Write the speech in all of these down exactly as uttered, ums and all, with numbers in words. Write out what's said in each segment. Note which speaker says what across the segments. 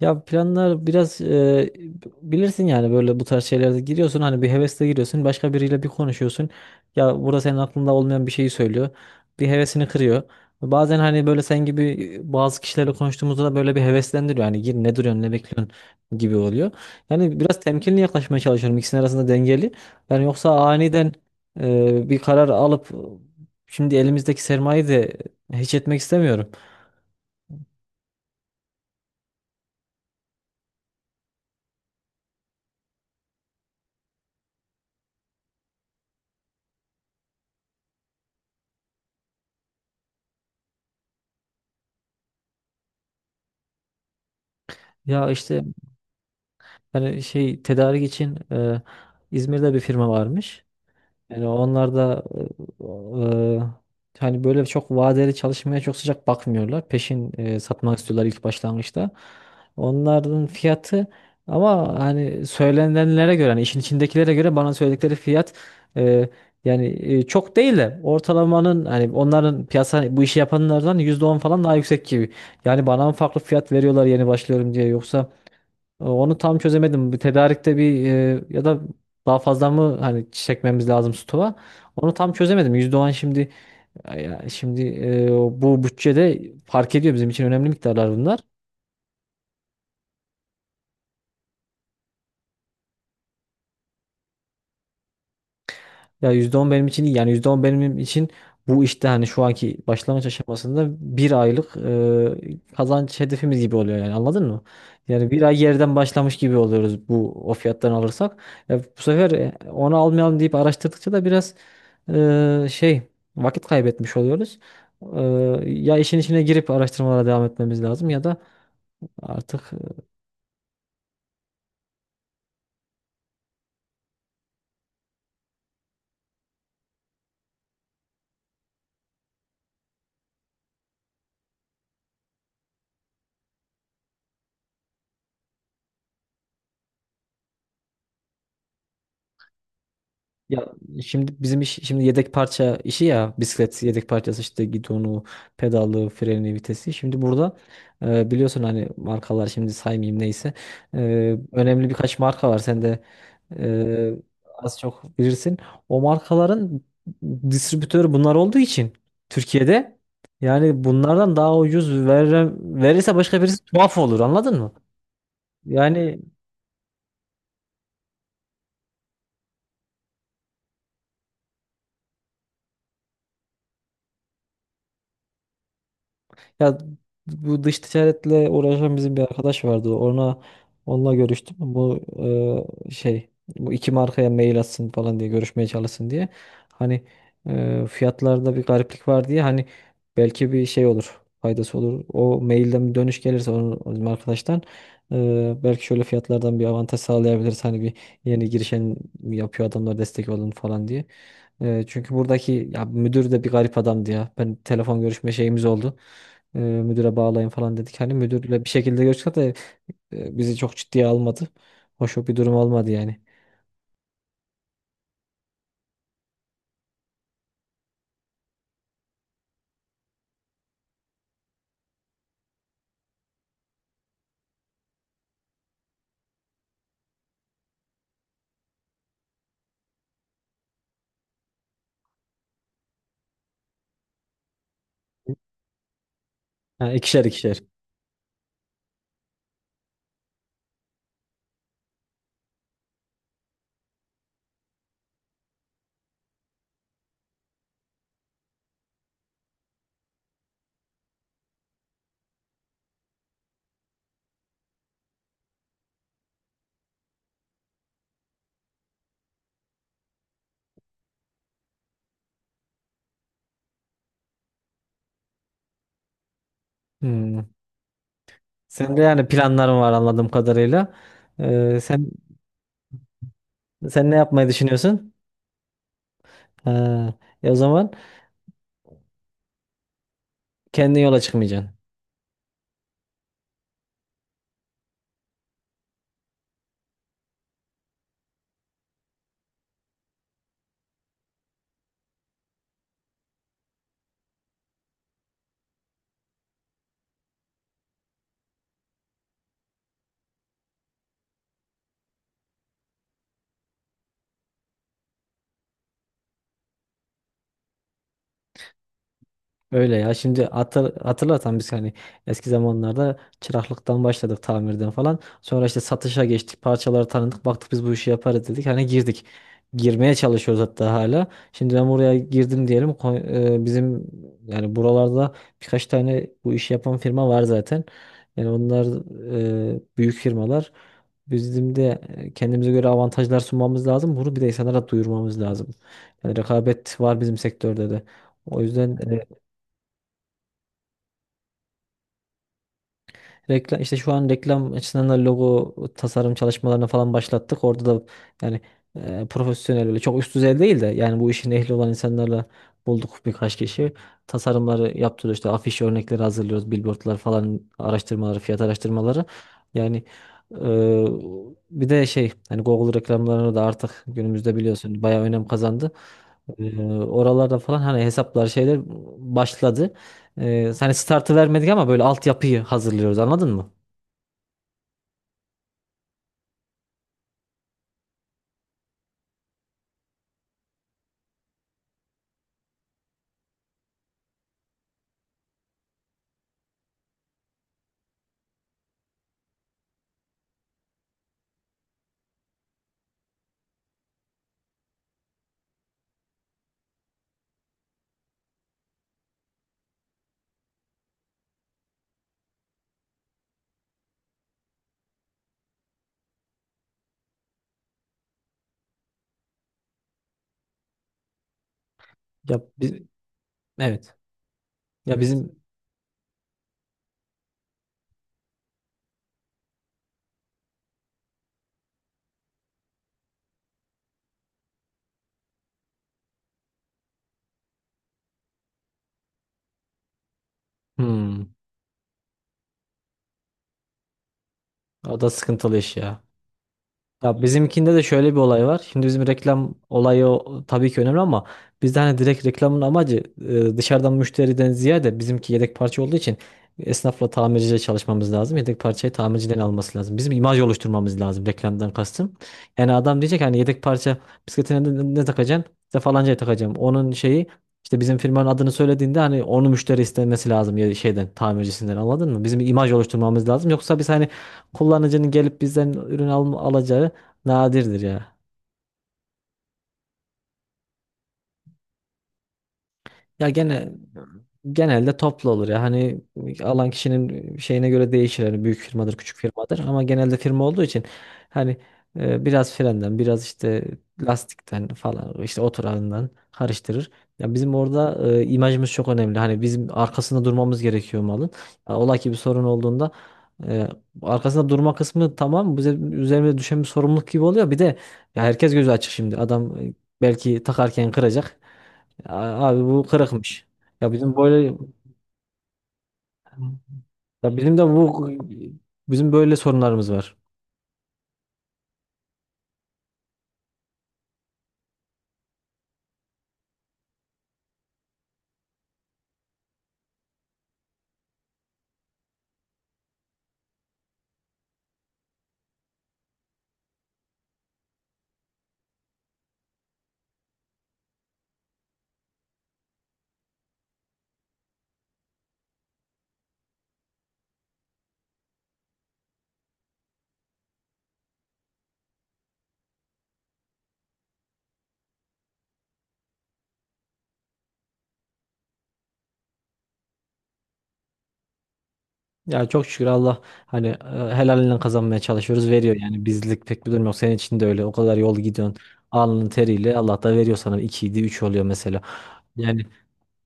Speaker 1: Ya planlar biraz e, bilirsin yani, böyle bu tarz şeylerde giriyorsun, hani bir hevesle giriyorsun, başka biriyle bir konuşuyorsun, ya burada senin aklında olmayan bir şeyi söylüyor, bir hevesini kırıyor. Bazen hani böyle sen gibi e, bazı kişilerle konuştuğumuzda da böyle bir heveslendiriyor, hani gir, ne duruyorsun, ne bekliyorsun gibi oluyor. Yani biraz temkinli yaklaşmaya çalışıyorum, ikisinin arasında dengeli. Yani yoksa aniden e, bir karar alıp şimdi elimizdeki sermayeyi de hiç etmek istemiyorum. Ya işte hani şey, tedarik için e, İzmir'de bir firma varmış. Yani onlar da e, e, hani böyle çok vadeli çalışmaya çok sıcak bakmıyorlar. Peşin e, satmak istiyorlar ilk başlangıçta. Onların fiyatı, ama hani söylenenlere göre, hani işin içindekilere göre, bana söyledikleri fiyat, e, yani e, çok değil de ortalamanın, hani onların piyasa bu işi yapanlardan yüzde on falan daha yüksek gibi. Yani bana mı farklı fiyat veriyorlar yeni başlıyorum diye, yoksa? e, Onu tam çözemedim. Bir tedarikte bir e, ya da daha fazla mı hani çekmemiz lazım stoğa? Onu tam çözemedim. yüzde on, şimdi ya şimdi e, bu bütçede fark ediyor, bizim için önemli miktarlar bunlar. Ya yüzde on benim için iyi. Yani yüzde on benim için bu işte hani şu anki başlangıç aşamasında bir aylık e, kazanç hedefimiz gibi oluyor, yani, anladın mı? Yani bir ay yerden başlamış gibi oluyoruz bu o fiyattan alırsak. Ya bu sefer e, onu almayalım deyip araştırdıkça da biraz e, şey, vakit kaybetmiş oluyoruz. E, Ya işin içine girip araştırmalara devam etmemiz lazım, ya da artık. Ya şimdi bizim iş, şimdi yedek parça işi, ya bisiklet yedek parçası, işte gidonu, pedalı, freni, vitesi. Şimdi burada e, biliyorsun hani markalar, şimdi saymayayım neyse. E, önemli birkaç marka var. Sen de e, az çok bilirsin. O markaların distribütörü bunlar olduğu için Türkiye'de, yani bunlardan daha ucuz vere- verirse başka birisi tuhaf olur, anladın mı? Yani. Ya bu dış ticaretle uğraşan bizim bir arkadaş vardı. Ona onunla görüştüm. Bu e, şey, bu iki markaya mail atsın falan diye, görüşmeye çalışsın diye. Hani e, fiyatlarda bir gariplik var diye, hani belki bir şey olur, faydası olur. O mailden bir dönüş gelirse onun, bizim arkadaştan, e, belki şöyle fiyatlardan bir avantaj sağlayabiliriz. Hani bir yeni girişen yapıyor, adamlar destek olun falan diye. E, çünkü buradaki, ya müdür de bir garip adamdı ya. Ben telefon görüşme şeyimiz oldu. E, müdüre bağlayın falan dedik. Hani müdürle bir şekilde görüştük de e, bizi çok ciddiye almadı. Hoş bir durum olmadı yani. Ha, ikişer ikişer. Hmm. Sen de yani planların var anladığım kadarıyla. E, sen sen ne yapmayı düşünüyorsun? Ha, e o zaman kendi yola çıkmayacaksın. Öyle ya, şimdi hatır, hatırlatan biz, hani eski zamanlarda çıraklıktan başladık, tamirden falan. Sonra işte satışa geçtik, parçaları tanıdık, baktık biz bu işi yaparız dedik, hani girdik. Girmeye çalışıyoruz hatta hala. Şimdi ben buraya girdim diyelim, Ko- e, bizim, yani buralarda birkaç tane bu işi yapan firma var zaten. Yani onlar e, büyük firmalar. Bizim de e, kendimize göre avantajlar sunmamız lazım. Bunu bir de insanlara duyurmamız lazım. Yani rekabet var bizim sektörde de. O yüzden e, reklam, işte şu an reklam açısından da logo tasarım çalışmalarına falan başlattık. Orada da yani e, profesyonel böyle çok üst düzey değil de, yani bu işin ehli olan insanlarla bulduk birkaç kişi. Tasarımları yaptırıyoruz, işte afiş örnekleri hazırlıyoruz, billboardlar falan araştırmaları, fiyat araştırmaları. Yani e, bir de şey, hani Google reklamlarını da artık günümüzde biliyorsun bayağı önem kazandı. Ee, oralarda falan hani hesaplar, şeyler başladı. Ee, hani startı vermedik ama böyle altyapıyı hazırlıyoruz, anladın mı? Ya biz, evet. Ya, evet, bizim, hmm, o da sıkıntılı iş ya. Ya bizimkinde de şöyle bir olay var. Şimdi bizim reklam olayı, o- tabii ki önemli ama bizde hani direkt reklamın amacı, e, dışarıdan müşteriden ziyade, bizimki yedek parça olduğu için esnafla, tamirciyle çalışmamız lazım. Yedek parçayı tamirciden alması lazım. Bizim imaj oluşturmamız lazım, reklamdan kastım. Yani adam diyecek hani yedek parça, bisikletine ne, ne takacaksın? İşte falancaya takacağım. Onun şeyi, işte bizim firmanın adını söylediğinde, hani onu müşteri istemesi lazım ya, şeyden, tamircisinden, anladın mı? Bizim imaj oluşturmamız lazım. Yoksa biz hani kullanıcının gelip bizden ürün al alacağı nadirdir ya. Ya gene genelde toplu olur ya. Hani alan kişinin şeyine göre değişir. Hani büyük firmadır, küçük firmadır, ama genelde firma olduğu için hani e, biraz frenden, biraz işte lastikten falan, işte oturağından karıştırır. Ya bizim orada e, imajımız çok önemli. Hani bizim arkasında durmamız gerekiyor malın. Ya ola ki bir sorun olduğunda e, arkasında durma kısmı, tamam, bize üzerimize düşen bir sorumluluk gibi oluyor. Bir de ya herkes gözü açık şimdi. Adam e, belki takarken kıracak. A- Abi bu kırıkmış. Ya bizim böyle ya bizim de bu Bizim böyle sorunlarımız var. Ya çok şükür, Allah hani e, helalinden kazanmaya çalışıyoruz, veriyor yani, bizlik pek bir durum yok. Senin için de öyle, o kadar yol gidiyorsun, alnın teriyle Allah da veriyor sana, iki üç oluyor mesela. Yani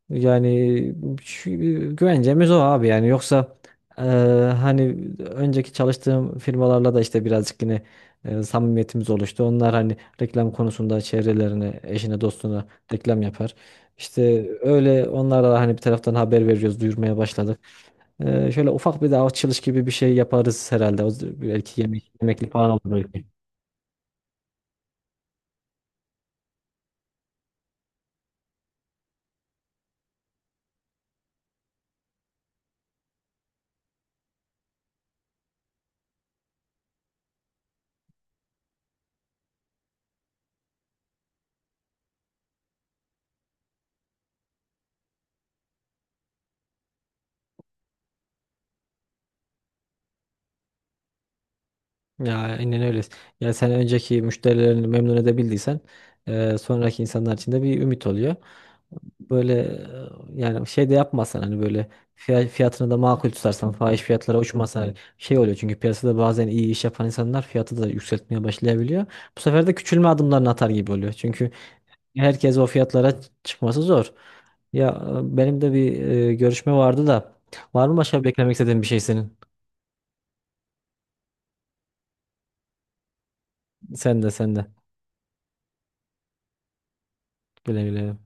Speaker 1: Yani şu- güvencemiz o, abi, yani, yoksa e, hani önceki çalıştığım firmalarla da işte birazcık yine e, samimiyetimiz oluştu. Onlar hani reklam konusunda çevrelerine, eşine, dostuna reklam yapar. İşte öyle onlara da hani bir taraftan haber veriyoruz, duyurmaya başladık. E, şöyle ufak bir de açılış gibi bir şey yaparız herhalde. O z- belki yemek, yemekli falan olur belki. Ya aynen öyle. Ya sen önceki müşterilerini memnun edebildiysen, e, sonraki insanlar için de bir ümit oluyor. Böyle e, yani şey de yapmasan, hani böyle fiya- fiyatını da makul tutarsan, fahiş fiyatlara uçmasan, hani şey oluyor, çünkü piyasada bazen iyi iş yapan insanlar fiyatı da yükseltmeye başlayabiliyor. Bu sefer de küçülme adımlarını atar gibi oluyor. Çünkü herkes o fiyatlara çıkması zor. Ya e, benim de bir e, görüşme vardı da, var mı başka beklemek istediğin bir şey senin? Sen de, sen de. Güle güle.